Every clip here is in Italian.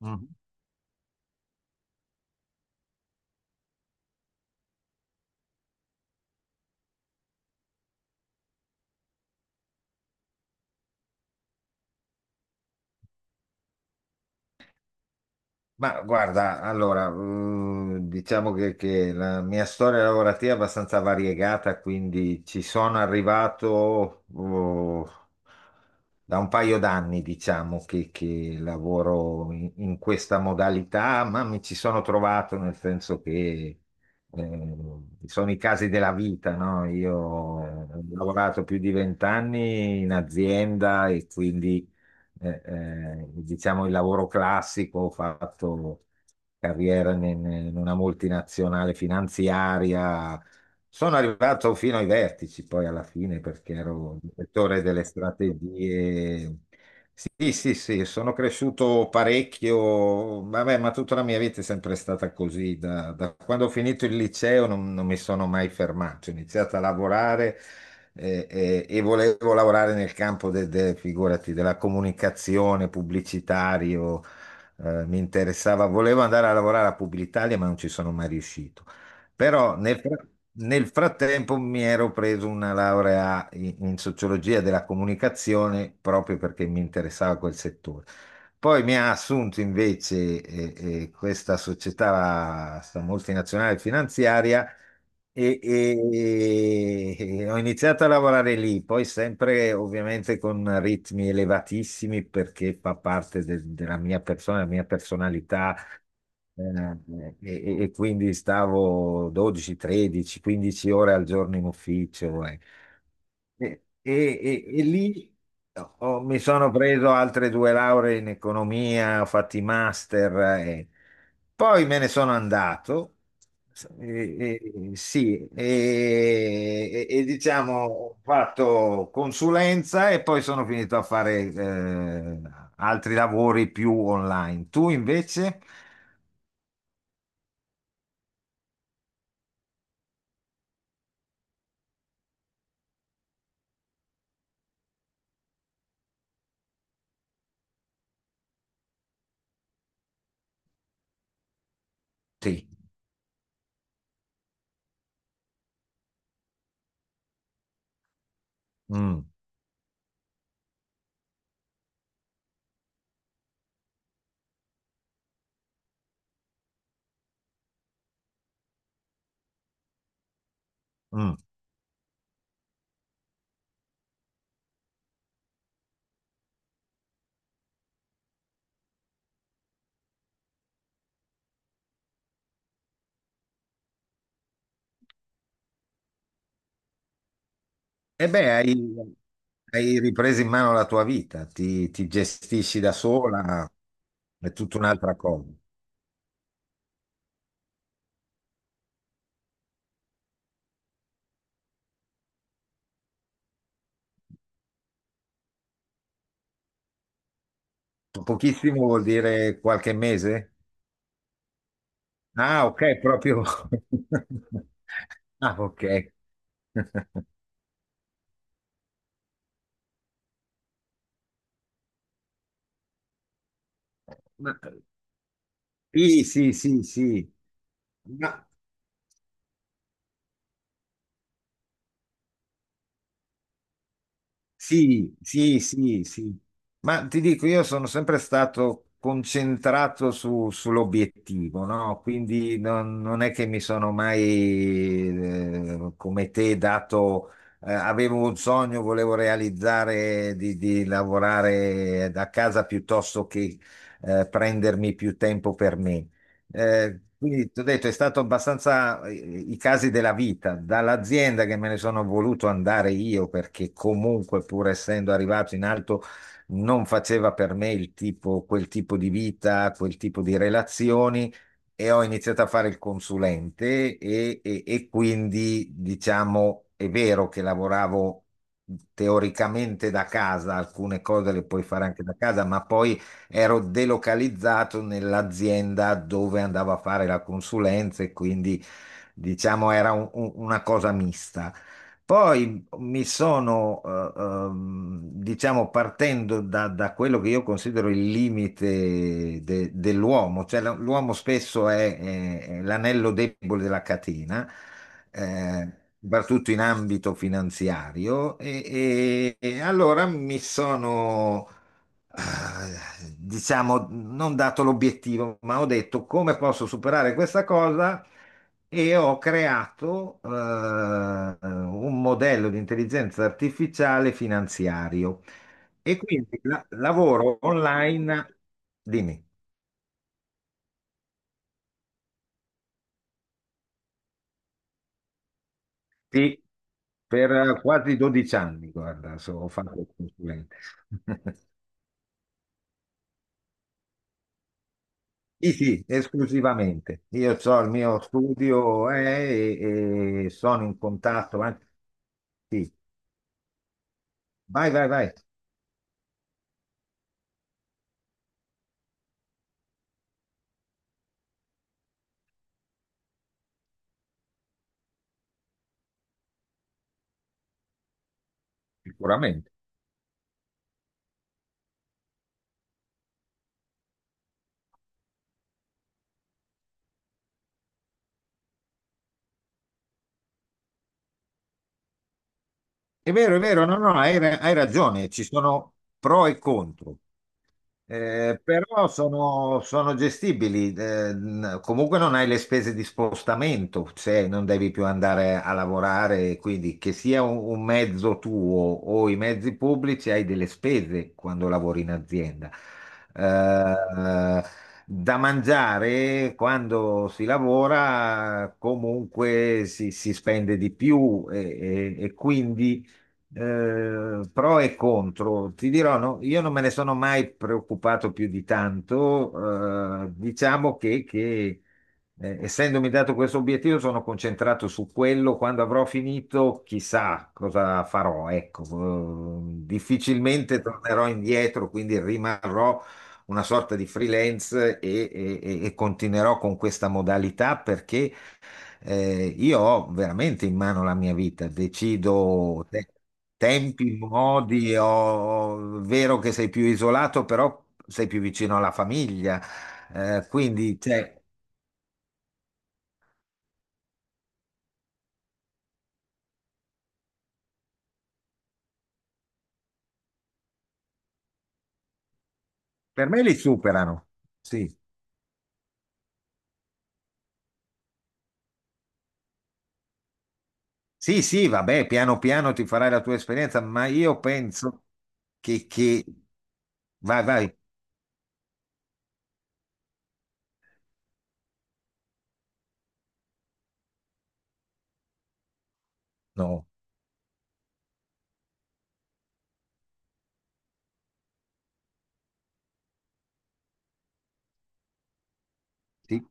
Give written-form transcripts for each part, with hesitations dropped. Mm. Ma guarda, allora, diciamo che la mia storia lavorativa è abbastanza variegata, quindi ci sono arrivato oh, da un paio d'anni, diciamo, che lavoro in questa modalità, ma mi ci sono trovato nel senso che eh, sono i casi della vita, no? Io ho lavorato più di 20 anni in azienda e quindi diciamo il lavoro classico. Ho fatto carriera in una multinazionale finanziaria. Sono arrivato fino ai vertici poi alla fine perché ero direttore delle strategie. Sì, sì, sì, sono cresciuto parecchio. Vabbè, ma tutta la mia vita è sempre stata così. Da quando ho finito il liceo non mi sono mai fermato. Ho iniziato a lavorare e volevo lavorare nel campo figurati, della comunicazione, pubblicitario. Mi interessava, volevo andare a lavorare a Publitalia, ma non ci sono mai riuscito. Però nel frattempo mi ero preso una laurea in sociologia della comunicazione proprio perché mi interessava quel settore. Poi mi ha assunto invece questa società, sta multinazionale finanziaria e ho iniziato a lavorare lì, poi sempre ovviamente con ritmi elevatissimi perché fa parte della mia persona, della mia personalità. eh, e, e quindi stavo 12, 13, 15 ore al giorno in ufficio. E, e- e lì mi sono preso altre due lauree in economia, ho fatto i master. Poi me ne sono andato. Eh, sì. E diciamo ho fatto consulenza e poi sono finito a fare altri lavori più online. Tu invece? Sì. Mm, mm. E beh, hai ripreso in mano la tua vita, ti gestisci da sola, è tutta un'altra cosa. Pochissimo vuol dire qualche mese? Ah, ok, proprio. Ah, ok. Ma- sì, sì, sì, sì. Ma- Sì, sì, sì, sì. Ma ti dico, io sono sempre stato concentrato sull'obiettivo, no? Quindi non è che mi sono mai, come te, dato, avevo un sogno, volevo realizzare di lavorare da casa piuttosto che, prendermi più tempo per me. Quindi ti ho detto, è stato abbastanza i casi della vita, dall'azienda che me ne sono voluto andare io perché comunque pur essendo arrivato in alto non faceva per me il tipo, quel tipo di vita, quel tipo di relazioni. E ho iniziato a fare il consulente e quindi diciamo è vero che lavoravo teoricamente da casa, alcune cose le puoi fare anche da casa, ma poi ero delocalizzato nell'azienda dove andavo a fare la consulenza e quindi diciamo era una cosa mista. Poi mi sono, diciamo, partendo da quello che io considero il limite dell'uomo, cioè l'uomo spesso è l'anello debole della catena, eh, soprattutto in ambito finanziario. E allora mi sono diciamo, non dato l'obiettivo, ma ho detto come posso superare questa cosa. E ho creato un modello di intelligenza artificiale finanziario e quindi lavoro online. Dimmi. Sì, per quasi 12 anni, guarda, sono fatto il consulente. Sì, sì, esclusivamente. Io ho il mio studio e sono in contatto. Sì. Vai, vai, vai, sicuramente. È vero, no, no, hai ragione, ci sono pro e contro. Però sono gestibili, comunque non hai le spese di spostamento, se non devi più andare a lavorare, quindi che sia un mezzo tuo o i mezzi pubblici, hai delle spese quando lavori in azienda. Eh, Da mangiare quando si lavora comunque si spende di più. E quindi pro e contro. Ti dirò, no, io non me ne sono mai preoccupato più di tanto. Diciamo che, essendomi dato questo obiettivo, sono concentrato su quello. Quando avrò finito, chissà cosa farò. Ecco, difficilmente tornerò indietro, quindi rimarrò una sorta di freelance e continuerò con questa modalità perché io ho veramente in mano la mia vita, decido tempi, modi. Vero che sei più isolato, però sei più vicino alla famiglia. Quindi cioè, per me li superano. Sì, sì, sì, vabbè, piano piano ti farai la tua esperienza, ma io penso che. Vai, vai. No. Sì.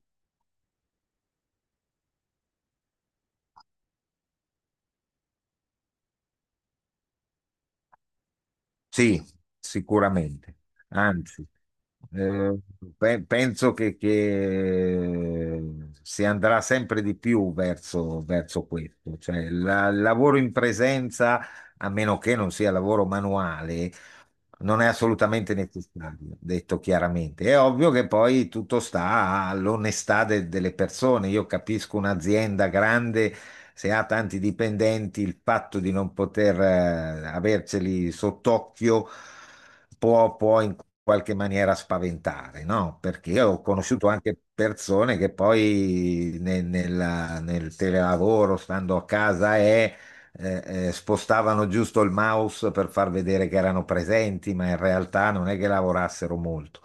Sì, sicuramente. Anzi, eh, penso che si andrà sempre di più verso, verso questo. Cioè, il lavoro in presenza, a meno che non sia lavoro manuale, non è assolutamente necessario, detto chiaramente. È ovvio che poi tutto sta all'onestà delle persone. Io capisco un'azienda grande, se ha tanti dipendenti, il fatto di non poter averceli sott'occhio può, può in qualche maniera spaventare, no? Perché ho conosciuto anche persone che poi nel telelavoro, stando a casa, è spostavano giusto il mouse per far vedere che erano presenti, ma in realtà non è che lavorassero molto.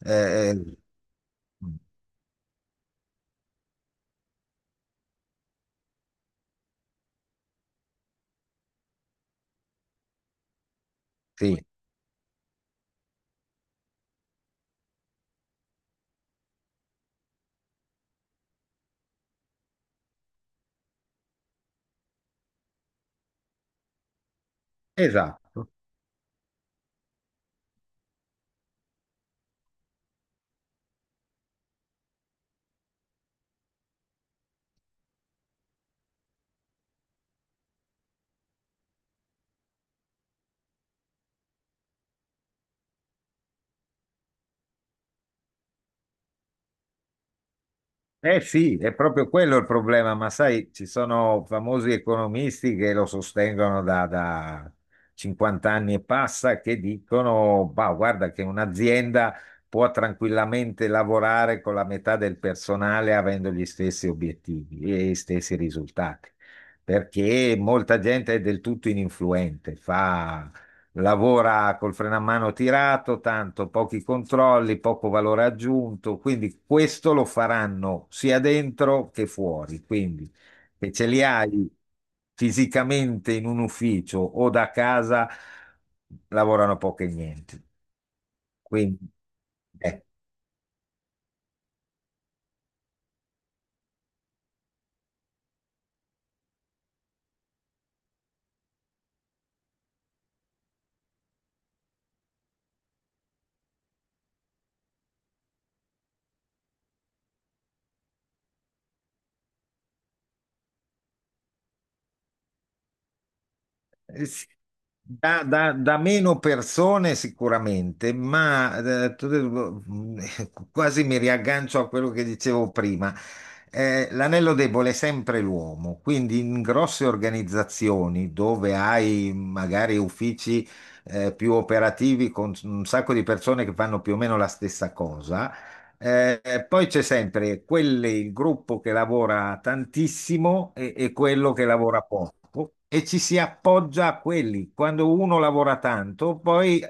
Eh, eh, sì, esatto. Eh sì, è proprio quello il problema, ma sai, ci sono famosi economisti che lo sostengono da 50 anni e passa, che dicono, bah, guarda che un'azienda può tranquillamente lavorare con la metà del personale avendo gli stessi obiettivi e gli stessi risultati, perché molta gente è del tutto ininfluente, fa lavora col freno a mano tirato, tanto pochi controlli, poco valore aggiunto, quindi questo lo faranno sia dentro che fuori, quindi se ce li hai fisicamente in un ufficio o da casa, lavorano poco e niente. Quindi, eh. Sì. Da meno persone sicuramente, ma eh, tu- mm, quasi mi riaggancio a quello che dicevo prima. L'anello debole è sempre l'uomo, quindi in grosse organizzazioni dove hai magari uffici più operativi con un sacco di persone che fanno più o meno la stessa cosa, poi c'è sempre quelle, il gruppo che lavora tantissimo e quello che lavora poco e ci si appoggia a quelli. Quando uno lavora tanto, poi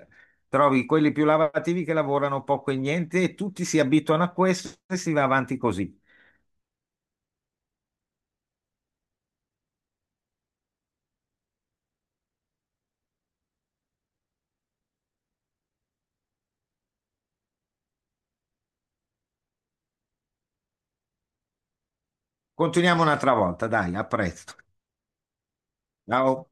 trovi quelli più lavorativi che lavorano poco e niente e tutti si abituano a questo e si va avanti così. Continuiamo un'altra volta, dai, a presto. Ciao.